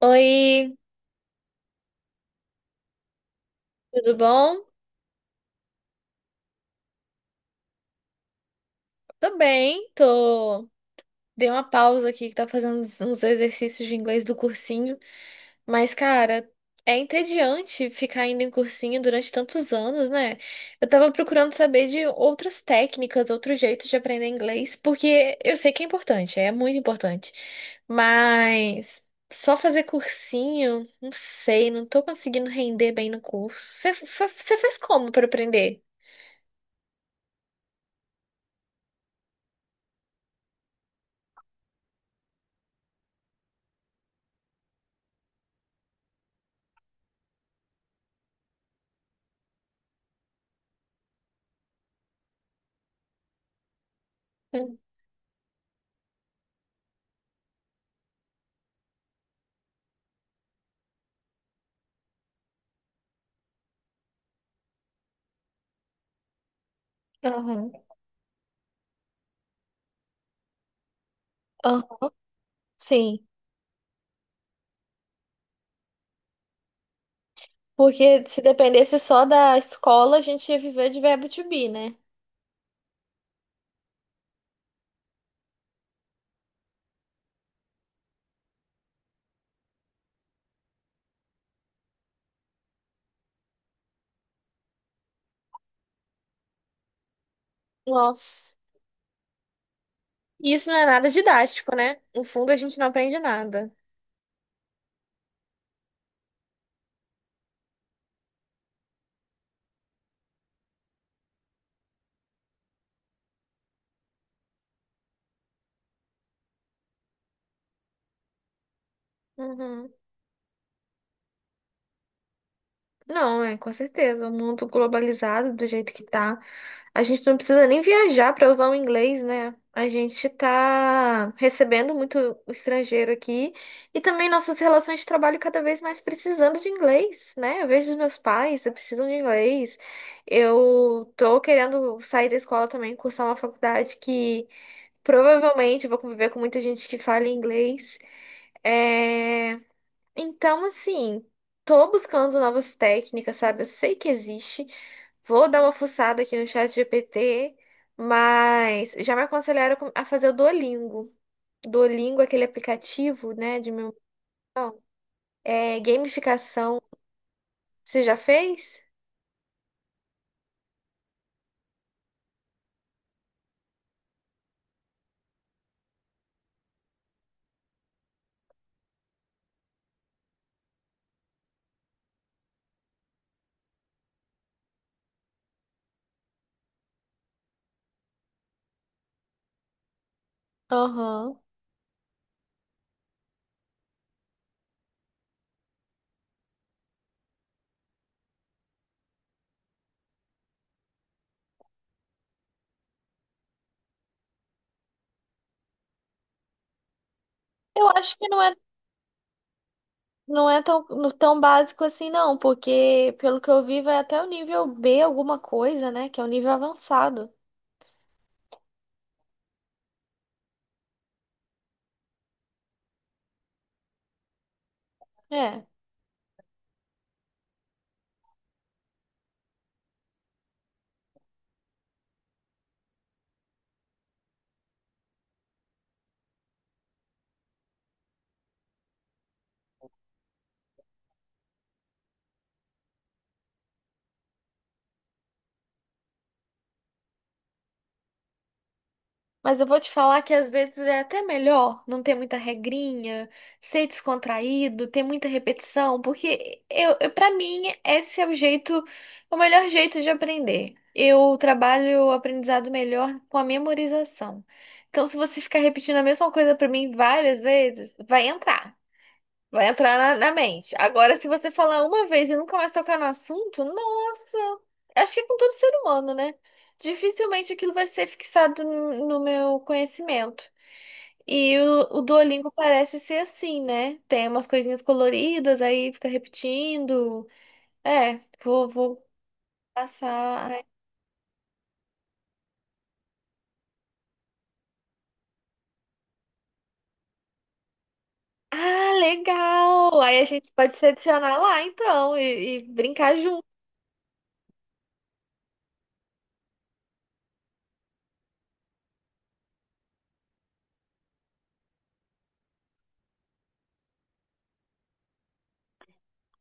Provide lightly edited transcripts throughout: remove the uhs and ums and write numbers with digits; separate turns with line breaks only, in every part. Oi, tudo bom? Tô bem, tô. Dei uma pausa aqui que tá fazendo uns exercícios de inglês do cursinho, mas, cara, é entediante ficar indo em cursinho durante tantos anos, né? Eu tava procurando saber de outras técnicas, outros jeitos de aprender inglês, porque eu sei que é importante, é muito importante, mas só fazer cursinho, não sei, não tô conseguindo render bem no curso. Você faz como pra aprender? Hum. Aham. Sim, porque se dependesse só da escola, a gente ia viver de verbo to be, né? Nossa. E isso não é nada didático, né? No fundo, a gente não aprende nada. Uhum. Não, é com certeza. O mundo globalizado do jeito que tá, a gente não precisa nem viajar para usar o inglês, né? A gente tá recebendo muito o estrangeiro aqui e também nossas relações de trabalho cada vez mais precisando de inglês, né? Eu vejo os meus pais, eu preciso de inglês. Eu tô querendo sair da escola também, cursar uma faculdade que provavelmente eu vou conviver com muita gente que fala inglês. É... Então, assim, tô buscando novas técnicas, sabe? Eu sei que existe. Vou dar uma fuçada aqui no chat GPT, mas já me aconselharam a fazer o Duolingo. Duolingo, é aquele aplicativo, né, de memorização, é gamificação. Você já fez? Aham. Eu acho que não é, não é tão, tão básico assim, não, porque pelo que eu vi, vai até o nível B, alguma coisa, né? Que é o nível avançado. É. Mas eu vou te falar que às vezes é até melhor não ter muita regrinha, ser descontraído, ter muita repetição, porque eu para mim esse é o jeito, o melhor jeito de aprender. Eu trabalho o aprendizado melhor com a memorização. Então, se você ficar repetindo a mesma coisa para mim várias vezes, vai entrar. Vai entrar na mente. Agora, se você falar uma vez e nunca mais tocar no assunto, nossa! Acho que é com todo ser humano, né? Dificilmente aquilo vai ser fixado no meu conhecimento. E o Duolingo parece ser assim, né? Tem umas coisinhas coloridas, aí fica repetindo. É, vou passar. Ah, legal! Aí a gente pode se adicionar lá, então, e brincar junto.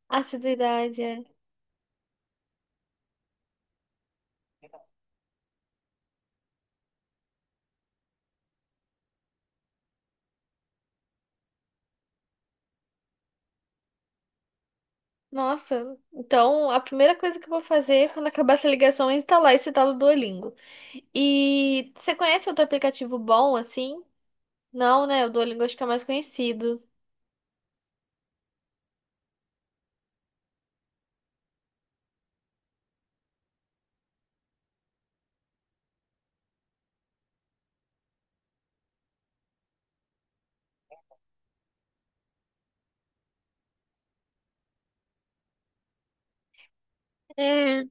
Assiduidade, é. Nossa, então a primeira coisa que eu vou fazer quando acabar essa ligação é instalar esse tal do Duolingo. E você conhece outro aplicativo bom assim? Não, né? O Duolingo acho que é o mais conhecido. É,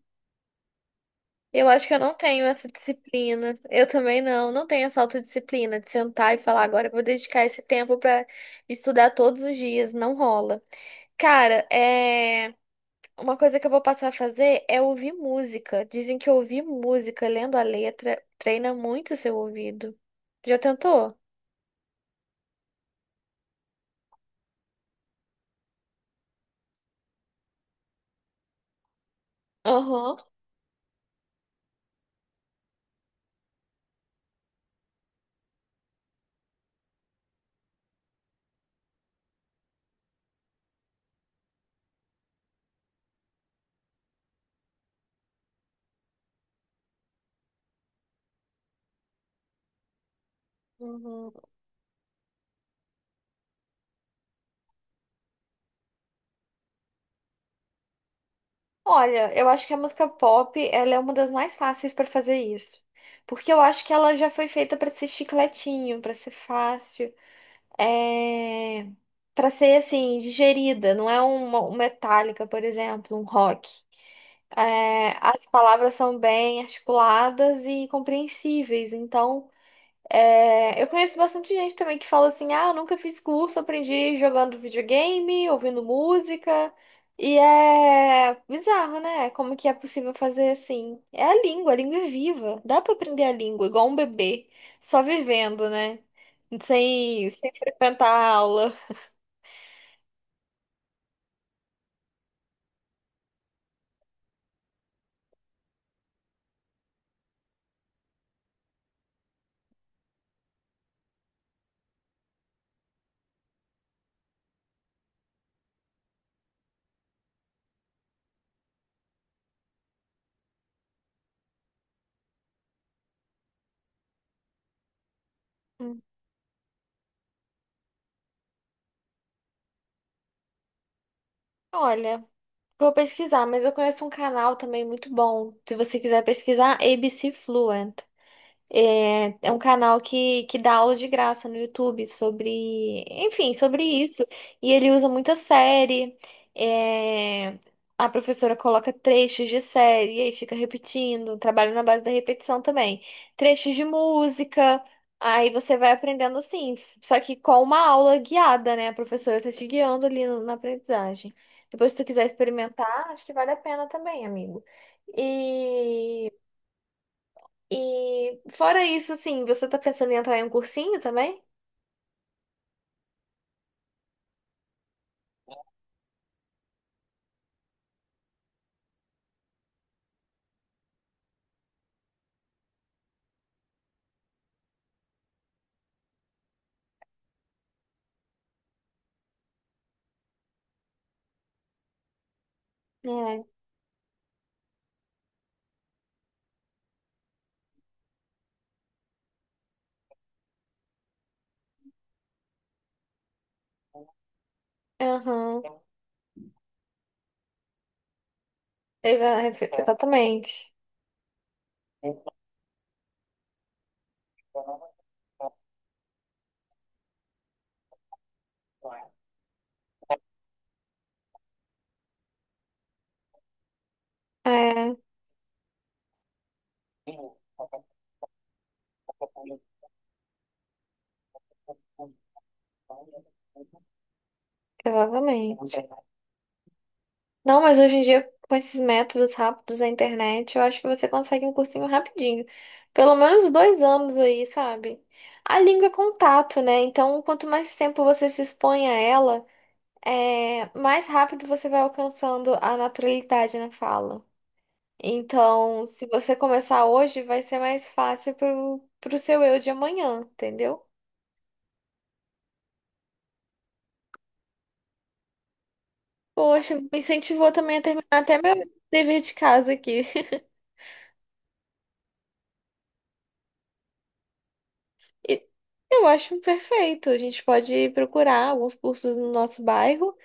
eu acho que eu não tenho essa disciplina. Eu também não, não tenho essa autodisciplina de sentar e falar, agora eu vou dedicar esse tempo pra estudar todos os dias. Não rola. Cara, é. Uma coisa que eu vou passar a fazer é ouvir música. Dizem que ouvir música lendo a letra treina muito o seu ouvido. Já tentou? Aham. Uhum. Olha, eu acho que a música pop, ela é uma das mais fáceis para fazer isso. Porque eu acho que ela já foi feita para ser chicletinho, para ser fácil, é... para ser assim, digerida, não é uma, um Metallica, por exemplo, um rock. É, as palavras são bem articuladas e compreensíveis, então é, eu conheço bastante gente também que fala assim: ah, eu nunca fiz curso, aprendi jogando videogame, ouvindo música. E é bizarro, né? Como que é possível fazer assim? É a língua é viva. Dá pra aprender a língua, igual um bebê, só vivendo, né? Sem, sem frequentar a aula. Hum. Olha, vou pesquisar, mas eu conheço um canal também muito bom. Se você quiser pesquisar, ABC Fluent. É, é um canal que dá aulas de graça no YouTube sobre, enfim, sobre isso. E ele usa muita série. É, a professora coloca trechos de série e aí fica repetindo. Trabalho na base da repetição também. Trechos de música. Aí você vai aprendendo assim, só que com uma aula guiada, né? A professora tá te guiando ali na aprendizagem. Depois, se tu quiser experimentar, acho que vale a pena também, amigo. E fora isso, assim, você tá pensando em entrar em um cursinho também? É. Aham. Exa- Exatamente. É, exatamente. Não, mas hoje em dia, com esses métodos rápidos da internet, eu acho que você consegue um cursinho rapidinho. Pelo menos 2 anos aí, sabe? A língua é contato, né? Então, quanto mais tempo você se expõe a ela, é, mais rápido você vai alcançando a naturalidade na fala. Então, se você começar hoje, vai ser mais fácil pro seu eu de amanhã, entendeu? Poxa, me incentivou também a terminar até meu dever de casa aqui. E eu acho perfeito. A gente pode procurar alguns cursos no nosso bairro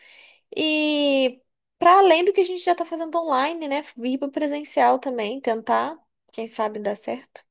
e para além do que a gente já está fazendo online, né? Ir para presencial também, tentar, quem sabe dá certo.